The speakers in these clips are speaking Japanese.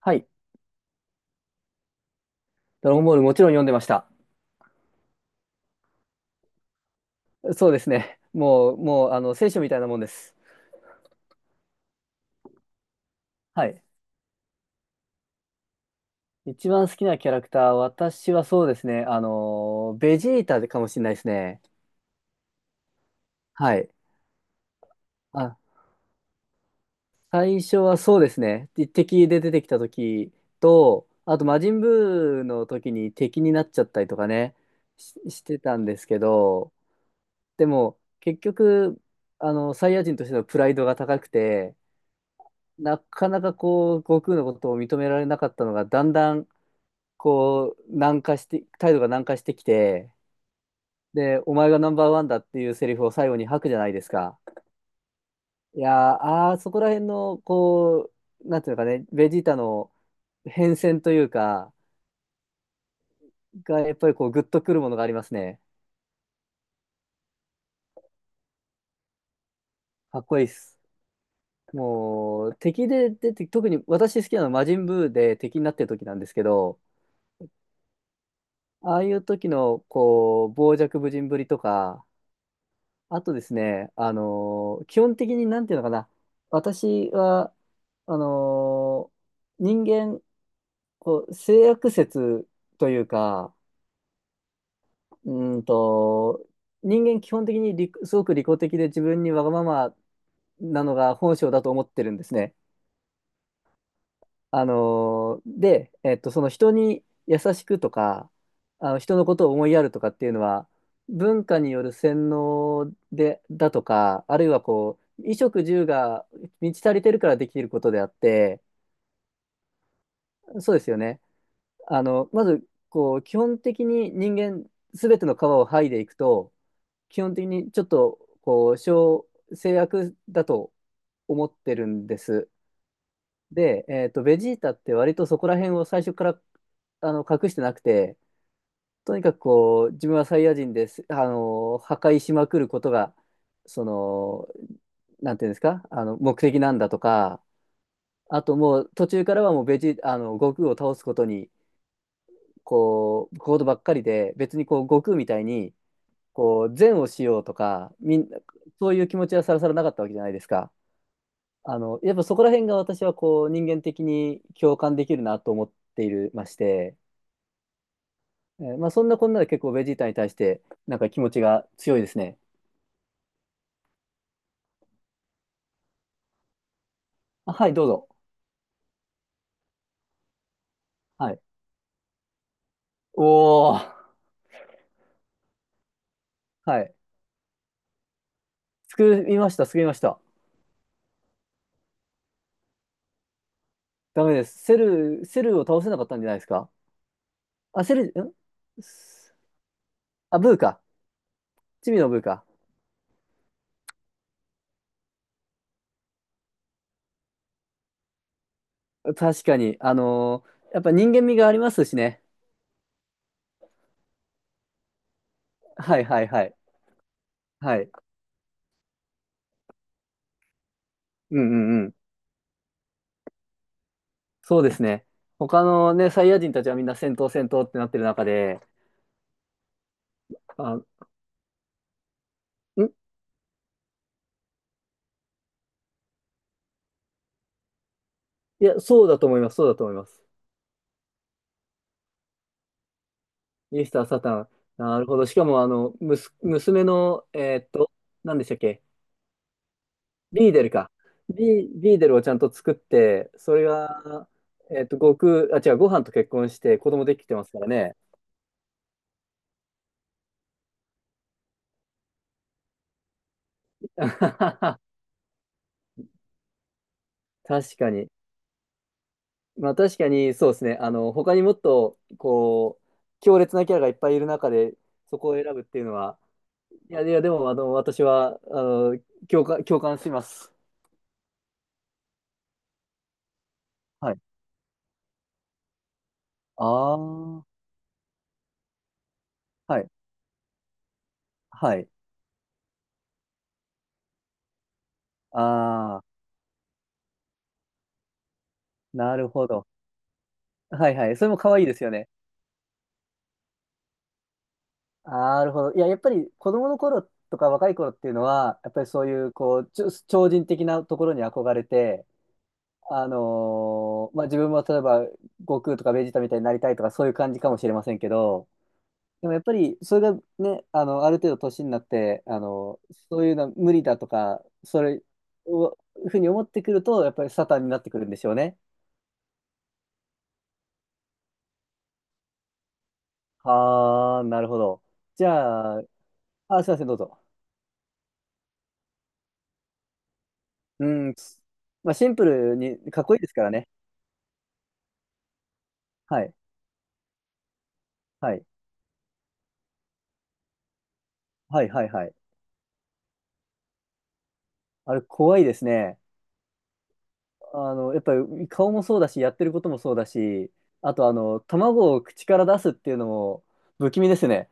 はい。ドラゴンボールもちろん読んでました。そうですね。もう、聖書みたいなもんです。はい。一番好きなキャラクター、私はそうですね。ベジータかもしれないですね。はい。あ、最初はそうですね。で敵で出てきた時と、あと、魔人ブーの時に敵になっちゃったりとかね、してたんですけど、でも、結局、サイヤ人としてのプライドが高くて、なかなかこう、悟空のことを認められなかったのが、だんだん、こう、軟化して、態度が軟化してきて、で、お前がナンバーワンだっていうセリフを最後に吐くじゃないですか。いやー、そこら辺の、こう、なんていうのかね、ベジータの変遷というか、が、やっぱりこう、グッとくるものがありますね。かっこいいっす。もう、敵で出て、特に私好きなのは魔人ブーで敵になってる時なんですけど、ああいう時の、こう、傍若無人ぶりとか、あとですね、基本的になんていうのかな、私は、あの人間、こう、性悪説というか、うーんと、人間基本的にすごく利己的で自分にわがままなのが本性だと思ってるんですね。で、その人に優しくとか、あの人のことを思いやるとかっていうのは、文化による洗脳で、だとか、あるいはこう、衣食住が満ち足りてるからできることであって、そうですよね。まず、こう、基本的に人間、すべての皮を剥いでいくと、基本的にちょっと、こう、制約だと思ってるんです。で、ベジータって割とそこら辺を最初から隠してなくて、とにかくこう、自分はサイヤ人です、破壊しまくることが、その、なんていうんですか、目的なんだとか、あともう途中からはもうベジータ、悟空を倒すことに、こう、ことばっかりで、別にこう、悟空みたいに、こう、善をしようとか、みんな、そういう気持ちはさらさらなかったわけじゃないですか。やっぱそこら辺が私はこう人間的に共感できるなと思っているまして、まあそんなこんなで結構ベジータに対してなんか気持ちが強いですね。あ、はい、どうぞ。はい。おー、はい。救いました、救いました。ダメです。セルを倒せなかったんじゃないですか？あ、セル、ん、あ、ブーか。チビのブーか。確かに、やっぱ人間味がありますしね。はいはいはい。はい。うんうんうん。そうですね。他のね、サイヤ人たちはみんな戦闘戦闘ってなってる中で、あ、ん、いや、そうだと思います、そうだと思います。ミスター・サタン。なるほど。しかも、娘の、何でしたっけ？ビーデルか。ビーデルをちゃんと作って、それが、悟空、あ、違う、ご飯と結婚して子供できてますからね。確かに。まあ確かにそうですね。他にもっと、こう、強烈なキャラがいっぱいいる中で、そこを選ぶっていうのは、いや、いや、でも、私は、共感、共感します。はい。ああ、はい。はい。ああ、なるほど。はいはい。それも可愛いですよね。なるほど。いや、やっぱり子供の頃とか若い頃っていうのは、やっぱりそういう、こう、超人的なところに憧れて、まあ、自分も例えば、悟空とかベジータみたいになりたいとか、そういう感じかもしれませんけど、でもやっぱりそれがね、ある程度年になって、そういうのは無理だとか、それを、ふうに思ってくると、やっぱりサタンになってくるんでしょうね。はあ、なるほど。じゃあ、あ、すいません、どうぞ。うん、まあ、シンプルにかっこいいですからね。はい、はい、はい、はい、はい。あれ、怖いですね。やっぱり顔もそうだし、やってることもそうだし、あと、卵を口から出すっていうのも不気味ですね。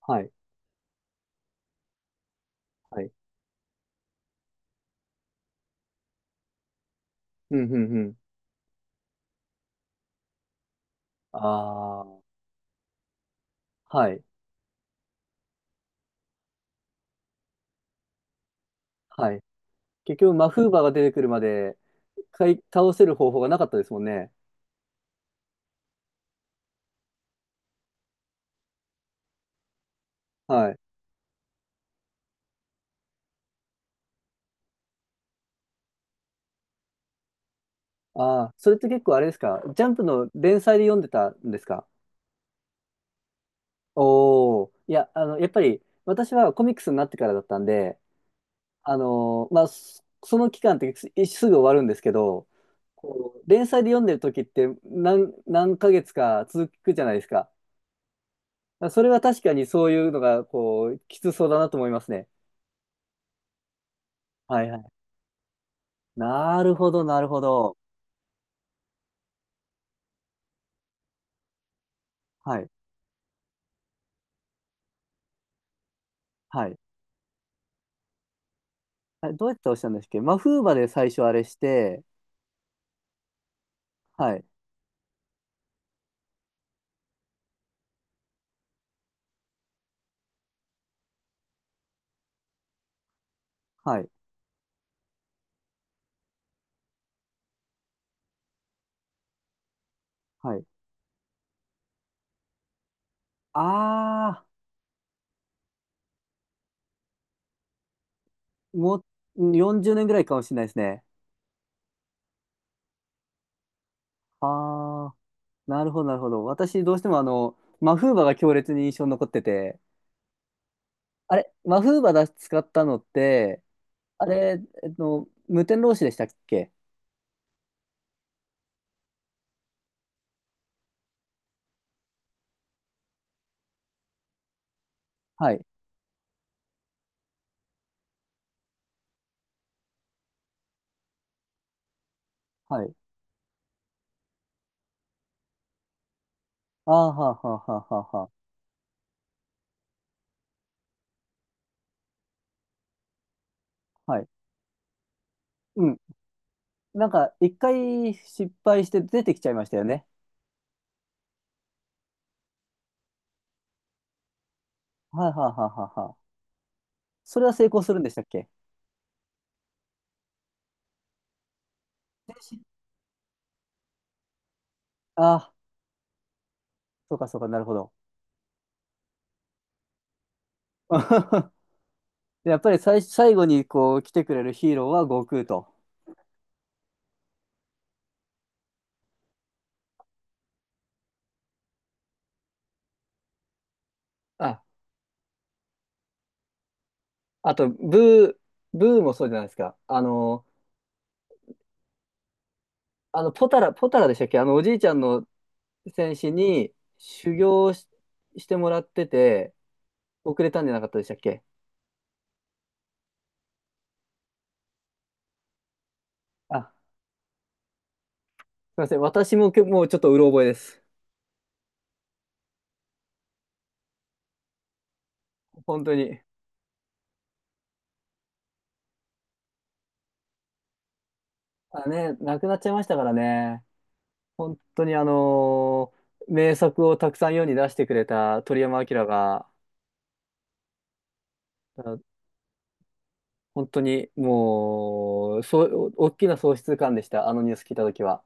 はい、はい。うん、うん、うん。ああ。はい。はい。結局、マフーバーが出てくるまで、倒せる方法がなかったですもんね。はい。ああ、それって結構あれですか？ジャンプの連載で読んでたんですか？おお、いや、やっぱり、私はコミックスになってからだったんで、まあ、その期間ってすぐ終わるんですけど、こう、連載で読んでる時って何ヶ月か続くじゃないですか。それは確かにそういうのが、こう、きつそうだなと思いますね。はいはい。なるほど、なるほど。はいはい。あれ、どうやって押したんですっけ？マフーバで最初あれして、はい、はい、はい。あもう40年ぐらいかもしれないですね。あー、なるほど、なるほど。私、どうしてもあの、マフーバが強烈に印象に残ってて、あれ、マフーバだ使ったのって、あれ、無天老師でしたっけ？はい、はい。あーはーはーはーはーはー。はい。うん。なんか、一回失敗して出てきちゃいましたよね。はい、はい、はい、はい。はい、それは成功するんでしたっけ？あ、そうかそうか、なるほど。やっぱり最後にこう来てくれるヒーローは悟空と。あ、あと、ブーもそうじゃないですか。ポタラでしたっけ？おじいちゃんの戦士に修行してもらってて、遅れたんじゃなかったでしたっけ？あ、すいません。私ももうちょっとうろ覚えです。本当に。あね、亡くなっちゃいましたからね。本当に名作をたくさん世に出してくれた鳥山明が、あ、本当にもう、そう、大きな喪失感でした、あのニュース聞いたときは。